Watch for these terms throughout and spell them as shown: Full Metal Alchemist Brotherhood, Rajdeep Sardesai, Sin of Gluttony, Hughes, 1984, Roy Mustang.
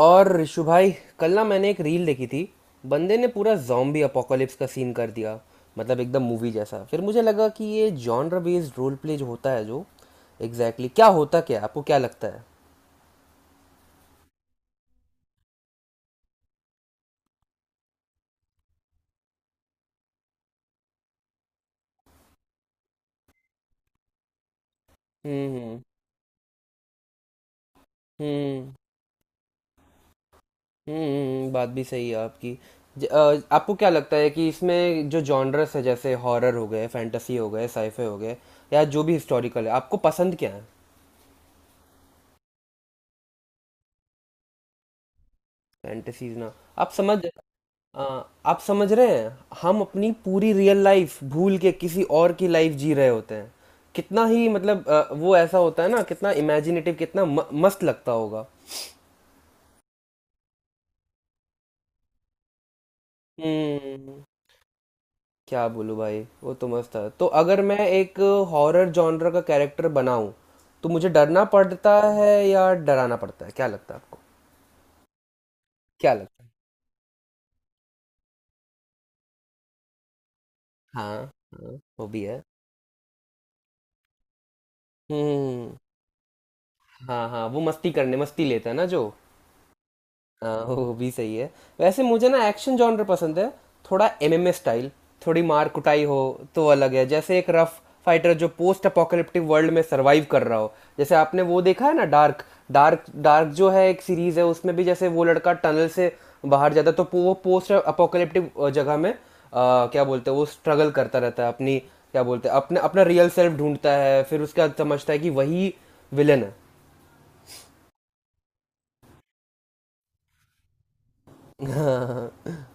और ऋषु भाई, कल ना मैंने एक रील देखी थी। बंदे ने पूरा जॉम्बी अपोकोलिप्स का सीन कर दिया। मतलब एकदम मूवी जैसा। फिर मुझे लगा कि ये जॉनर बेस्ड रोल प्ले जो होता है, जो एग्जैक्टली exactly, क्या है? आपको क्या लगता है? हम्म, हम्म, हम्म। बात भी सही है आपकी। आपको क्या लगता है कि इसमें जो जॉनरस है, जैसे हॉरर हो गए, फैंटेसी हो गए, साइफे हो गए या जो भी हिस्टोरिकल है, आपको पसंद क्या है? फैंटेसीज ना। आप समझ अ, आप समझ रहे हैं, हम अपनी पूरी रियल लाइफ भूल के किसी और की लाइफ जी रहे होते हैं। कितना ही मतलब वो ऐसा होता है ना, कितना इमेजिनेटिव, कितना मस्त लगता होगा। हम्म। क्या बोलूं भाई, वो तो मस्त है। तो अगर मैं एक हॉरर जॉनर का कैरेक्टर बनाऊं, तो मुझे डरना पड़ता है या डराना पड़ता है, क्या लगता है आपको? क्या लगता है? हाँ, हाँ, वो भी है। हम्म। हाँ हाँ, वो मस्ती करने, मस्ती लेता है ना जो। हाँ, वो भी सही है। वैसे मुझे ना एक्शन जॉनर पसंद है, थोड़ा एमएमए स्टाइल, थोड़ी मार कुटाई हो तो अलग है। जैसे एक रफ फाइटर जो पोस्ट अपोकैलिप्टिक वर्ल्ड में सरवाइव कर रहा हो। जैसे आपने वो देखा है ना, डार्क, डार्क। डार्क जो है एक सीरीज है, उसमें भी जैसे वो लड़का टनल से बाहर जाता है, तो वो पोस्ट अपोकैलिप्टिक जगह में, क्या बोलते हैं, वो स्ट्रगल करता रहता है अपनी, क्या बोलते हैं, अपने अपना रियल सेल्फ ढूंढता है। फिर उसके बाद समझता है कि वही विलन है।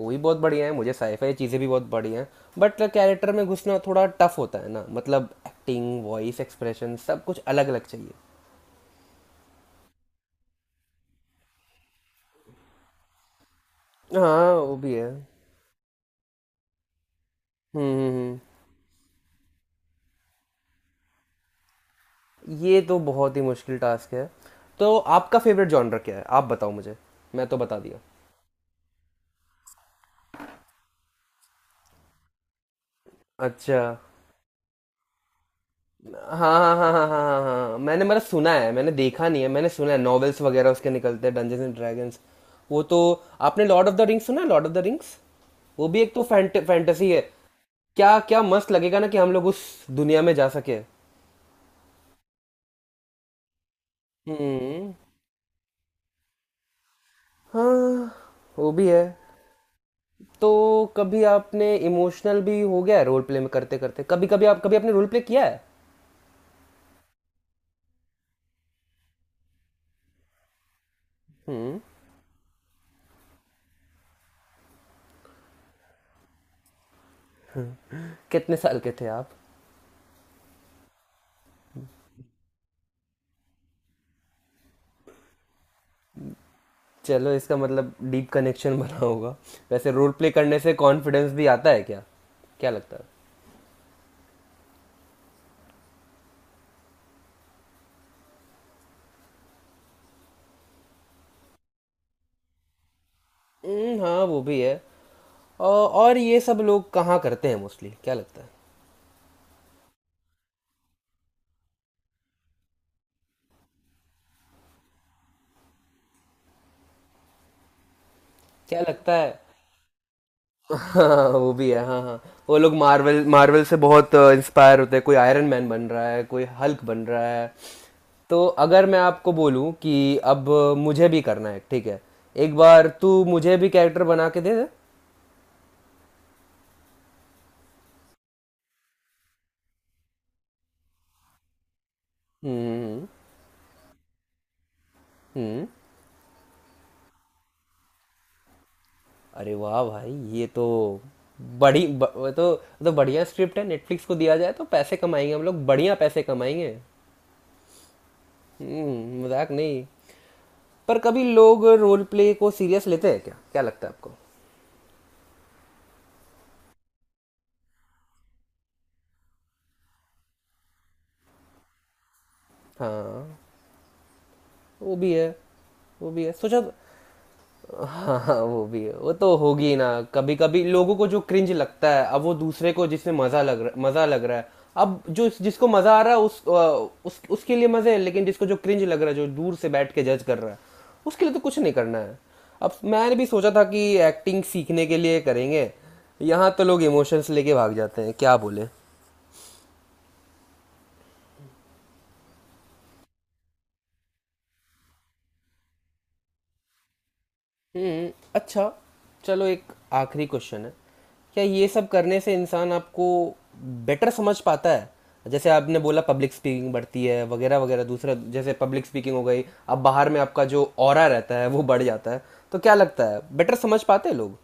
वो भी बहुत बढ़िया है, मुझे साईफाई चीज़ें भी बहुत बढ़िया हैं। बट कैरेक्टर में घुसना थोड़ा टफ होता है ना, मतलब एक्टिंग, वॉइस, एक्सप्रेशन, सब कुछ अलग अलग चाहिए। हाँ, वो भी है। हम्म, हम्म, ये तो बहुत ही मुश्किल टास्क है। तो आपका फेवरेट जॉनर क्या है, आप बताओ मुझे। मैं तो बता दिया। अच्छा। हाँ, हाँ, हाँ, हाँ, हाँ, हाँ, हाँ। मैंने मतलब सुना है, मैंने देखा नहीं है, मैंने सुना है, नॉवेल्स वगैरह उसके निकलते हैं, डंजन्स एंड ड्रैगन्स। वो तो, आपने लॉर्ड ऑफ द रिंग्स सुना है? लॉर्ड ऑफ द रिंग्स वो भी एक तो फैंटेसी है। क्या क्या मस्त लगेगा ना कि हम लोग उस दुनिया में जा सके। हम्म। हाँ, वो भी है। तो कभी आपने इमोशनल भी हो गया है रोल प्ले में करते करते? कभी कभी आप, कभी आपने रोल प्ले किया है? हम्म। कितने साल के थे आप? चलो, इसका मतलब डीप कनेक्शन बना होगा। वैसे रोल प्ले करने से कॉन्फिडेंस भी आता है क्या, क्या लगता है? हाँ, वो भी है। और ये सब लोग कहाँ करते हैं मोस्टली, क्या लगता है? क्या लगता है? हाँ, वो भी है। हाँ, हाँ। वो लोग मार्वल, मार्वल से बहुत इंस्पायर होते हैं। कोई आयरन मैन बन रहा है, कोई हल्क बन रहा है। तो अगर मैं आपको बोलूं कि अब मुझे भी करना है, ठीक है, एक बार तू मुझे भी कैरेक्टर बना के दे दे। हम्म, हम्म। अरे वाह भाई, ये तो बड़ी वो तो, बढ़िया स्क्रिप्ट है। नेटफ्लिक्स को दिया जाए तो पैसे कमाएंगे हम लोग, बढ़िया पैसे कमाएंगे। हम्म, मजाक नहीं। पर कभी लोग रोल प्ले को सीरियस लेते हैं क्या, क्या लगता है आपको? हाँ, वो भी है। वो भी है सोचा। हाँ, हाँ, वो भी है। वो तो होगी ना। कभी कभी लोगों को जो क्रिंज लगता है, अब वो दूसरे को जिसमें मजा लग रहा है। अब जो जिसको मजा आ रहा है, उस उसके लिए मजे है, लेकिन जिसको जो क्रिंज लग रहा है, जो दूर से बैठ के जज कर रहा है, उसके लिए तो कुछ नहीं करना है। अब मैंने भी सोचा था कि एक्टिंग सीखने के लिए करेंगे, यहाँ तो लोग इमोशंस लेके भाग जाते हैं, क्या बोले। हुँ, अच्छा, चलो एक आखिरी क्वेश्चन है। क्या ये सब करने से इंसान आपको बेटर समझ पाता है? जैसे आपने बोला पब्लिक स्पीकिंग बढ़ती है वगैरह वगैरह। दूसरा, जैसे पब्लिक स्पीकिंग हो गई, अब बाहर में आपका जो ऑरा रहता है, वो बढ़ जाता है। तो क्या लगता है, बेटर समझ पाते हैं लोग?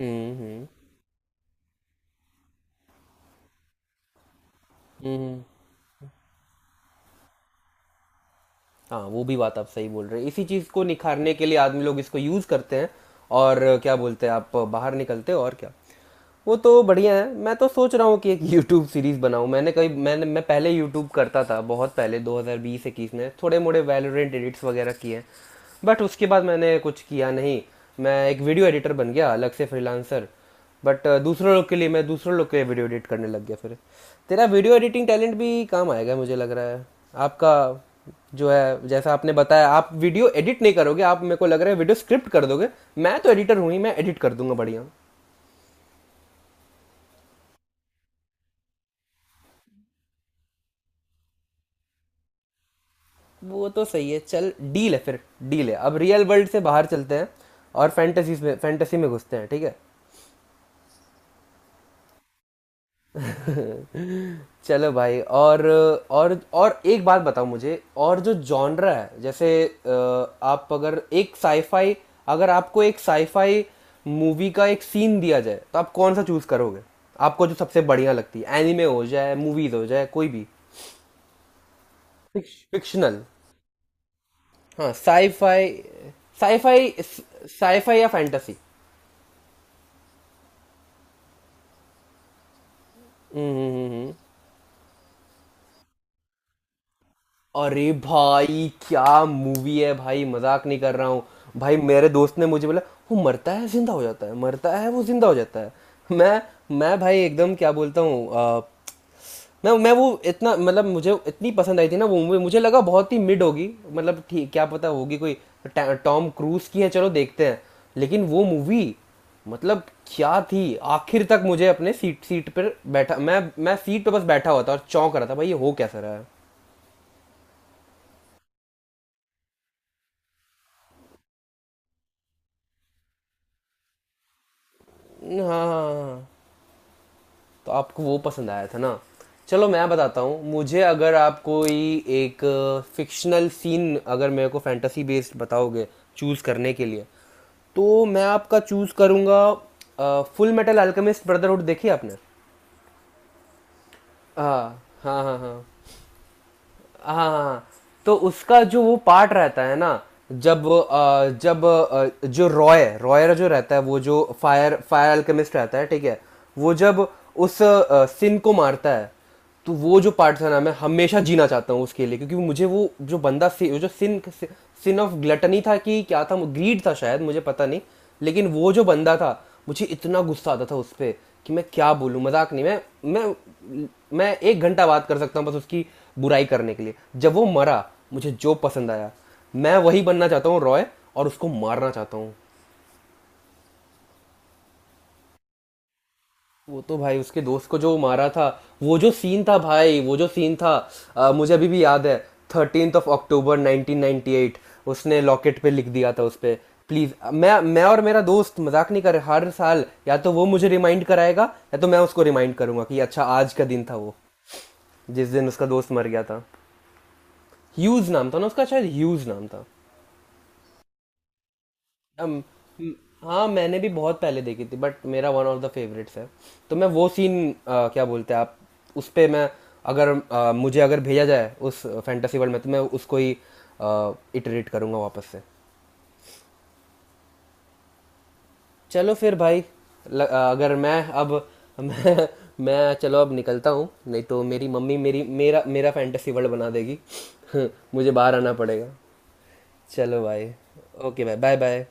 हम्म, हम्म, हम्म। हाँ, वो भी बात आप सही बोल रहे हैं, इसी चीज़ को निखारने के लिए आदमी लोग इसको यूज़ करते हैं। और क्या बोलते हैं आप, बाहर निकलते हो और क्या। वो तो बढ़िया है। मैं तो सोच रहा हूँ कि एक यूट्यूब सीरीज़ बनाऊँ। मैंने कभी मैंने मैं पहले यूट्यूब करता था, बहुत पहले 2020-21 में, थोड़े मोड़े वैलोरेंट एडिट्स वगैरह किए हैं। बट उसके बाद मैंने कुछ किया नहीं। मैं एक वीडियो एडिटर बन गया अलग से, फ्रीलांसर। बट दूसरों लोग के लिए वीडियो एडिट करने लग गया फिर। तेरा वीडियो एडिटिंग टैलेंट भी काम आएगा, मुझे लग रहा है। आपका जो है, जैसा आपने बताया, आप वीडियो एडिट नहीं करोगे, आप, मेरे को लग रहा है, वीडियो स्क्रिप्ट कर दोगे। मैं तो एडिटर हूँ ही, मैं एडिट कर दूंगा, बढ़िया। वो तो सही है, चल डील है फिर। डील है, अब रियल वर्ल्ड से बाहर चलते हैं और फैंटेसी में, फैंटेसी में घुसते हैं, ठीक है। चलो भाई, और और एक बात बताओ मुझे। और जो जॉनरा है, जैसे अ, आप अगर एक साईफाई, अगर आपको एक साईफाई मूवी का एक सीन दिया जाए, तो आप कौन सा चूज करोगे? आपको जो सबसे बढ़िया लगती है, एनिमे हो जाए, मूवीज हो जाए, कोई भी फिक्शनल। हाँ, साईफाई, साईफाई, साईफाई या फैंटेसी। हम्म, अरे भाई, क्या मूवी है भाई, मजाक नहीं कर रहा हूँ। भाई, मेरे दोस्त ने मुझे बोला, वो मरता है, जिंदा हो जाता है, मरता है, वो जिंदा हो जाता है। मैं मैं भाई एकदम, क्या बोलता हूँ, मैं, वो इतना मतलब मुझे इतनी पसंद आई थी ना वो मूवी। मुझे लगा बहुत ही मिड होगी, मतलब ठीक क्या पता होगी कोई, टॉम क्रूज की है, चलो देखते हैं। लेकिन वो मूवी मतलब क्या थी, आखिर तक मुझे अपने सीट सीट पर बैठा, मैं सीट पे बस बैठा हुआ था और चौंक रहा था, भाई ये हो कैसा रहा है। हाँ, हाँ, हाँ। हाँ। तो आपको वो पसंद आया था ना। चलो मैं बताता हूँ, मुझे अगर आप कोई एक फिक्शनल सीन, अगर मेरे को फैंटेसी बेस्ड बताओगे चूज़ करने के लिए, तो मैं आपका चूज़ करूँगा, फुल मेटल अल्केमिस्ट ब्रदरहुड, देखी आपने? हाँ, हाँ, हाँ, हाँ, हाँ। तो उसका जो वो पार्ट रहता है ना, जब जो रॉयर जो रहता है, वो जो फायर फायर अल्केमिस्ट रहता है, ठीक है, वो जब उस सिन को मारता है, तो वो जो पार्ट था ना, मैं हमेशा जीना चाहता हूँ उसके लिए। क्योंकि मुझे वो जो बंदा, वो जो सिन सिन ऑफ ग्लटनी था कि क्या था, ग्रीड था शायद, मुझे पता नहीं, लेकिन वो जो बंदा था, मुझे इतना गुस्सा आता था उस पर कि मैं क्या बोलूँ, मजाक नहीं। मैं मैं एक घंटा बात कर सकता हूँ बस उसकी बुराई करने के लिए। जब वो मरा, मुझे जो पसंद आया, मैं वही बनना चाहता हूँ, रॉय, और उसको मारना चाहता हूँ। वो तो भाई, उसके दोस्त को जो मारा था, वो जो सीन था भाई, वो जो सीन था, मुझे अभी भी याद है, थर्टीन्थ ऑफ अक्टूबर 1998, उसने लॉकेट पे लिख दिया था उस पे। प्लीज़, मैं और मेरा दोस्त, मजाक नहीं कर रहे, हर साल या तो वो मुझे रिमाइंड कराएगा या तो मैं उसको रिमाइंड करूंगा कि अच्छा आज का दिन था वो, जिस दिन उसका दोस्त मर गया था। ह्यूज नाम था ना उसका, शायद ह्यूज नाम था। अम, म- हाँ, मैंने भी बहुत पहले देखी थी, बट मेरा वन ऑफ द फेवरेट्स है। तो मैं वो सीन, क्या बोलते हैं आप, उस पे मैं, अगर मुझे अगर भेजा जाए उस फैंटेसी वर्ल्ड में, तो मैं उसको ही इटरेट करूँगा वापस से। चलो फिर भाई। अगर मैं अब, मैं मैं, चलो अब निकलता हूँ, नहीं तो मेरी मम्मी मेरी मेरा मेरा फैंटेसी वर्ल्ड बना देगी। मुझे बाहर आना पड़ेगा। चलो भाई। ओके भाई, बाय बाय।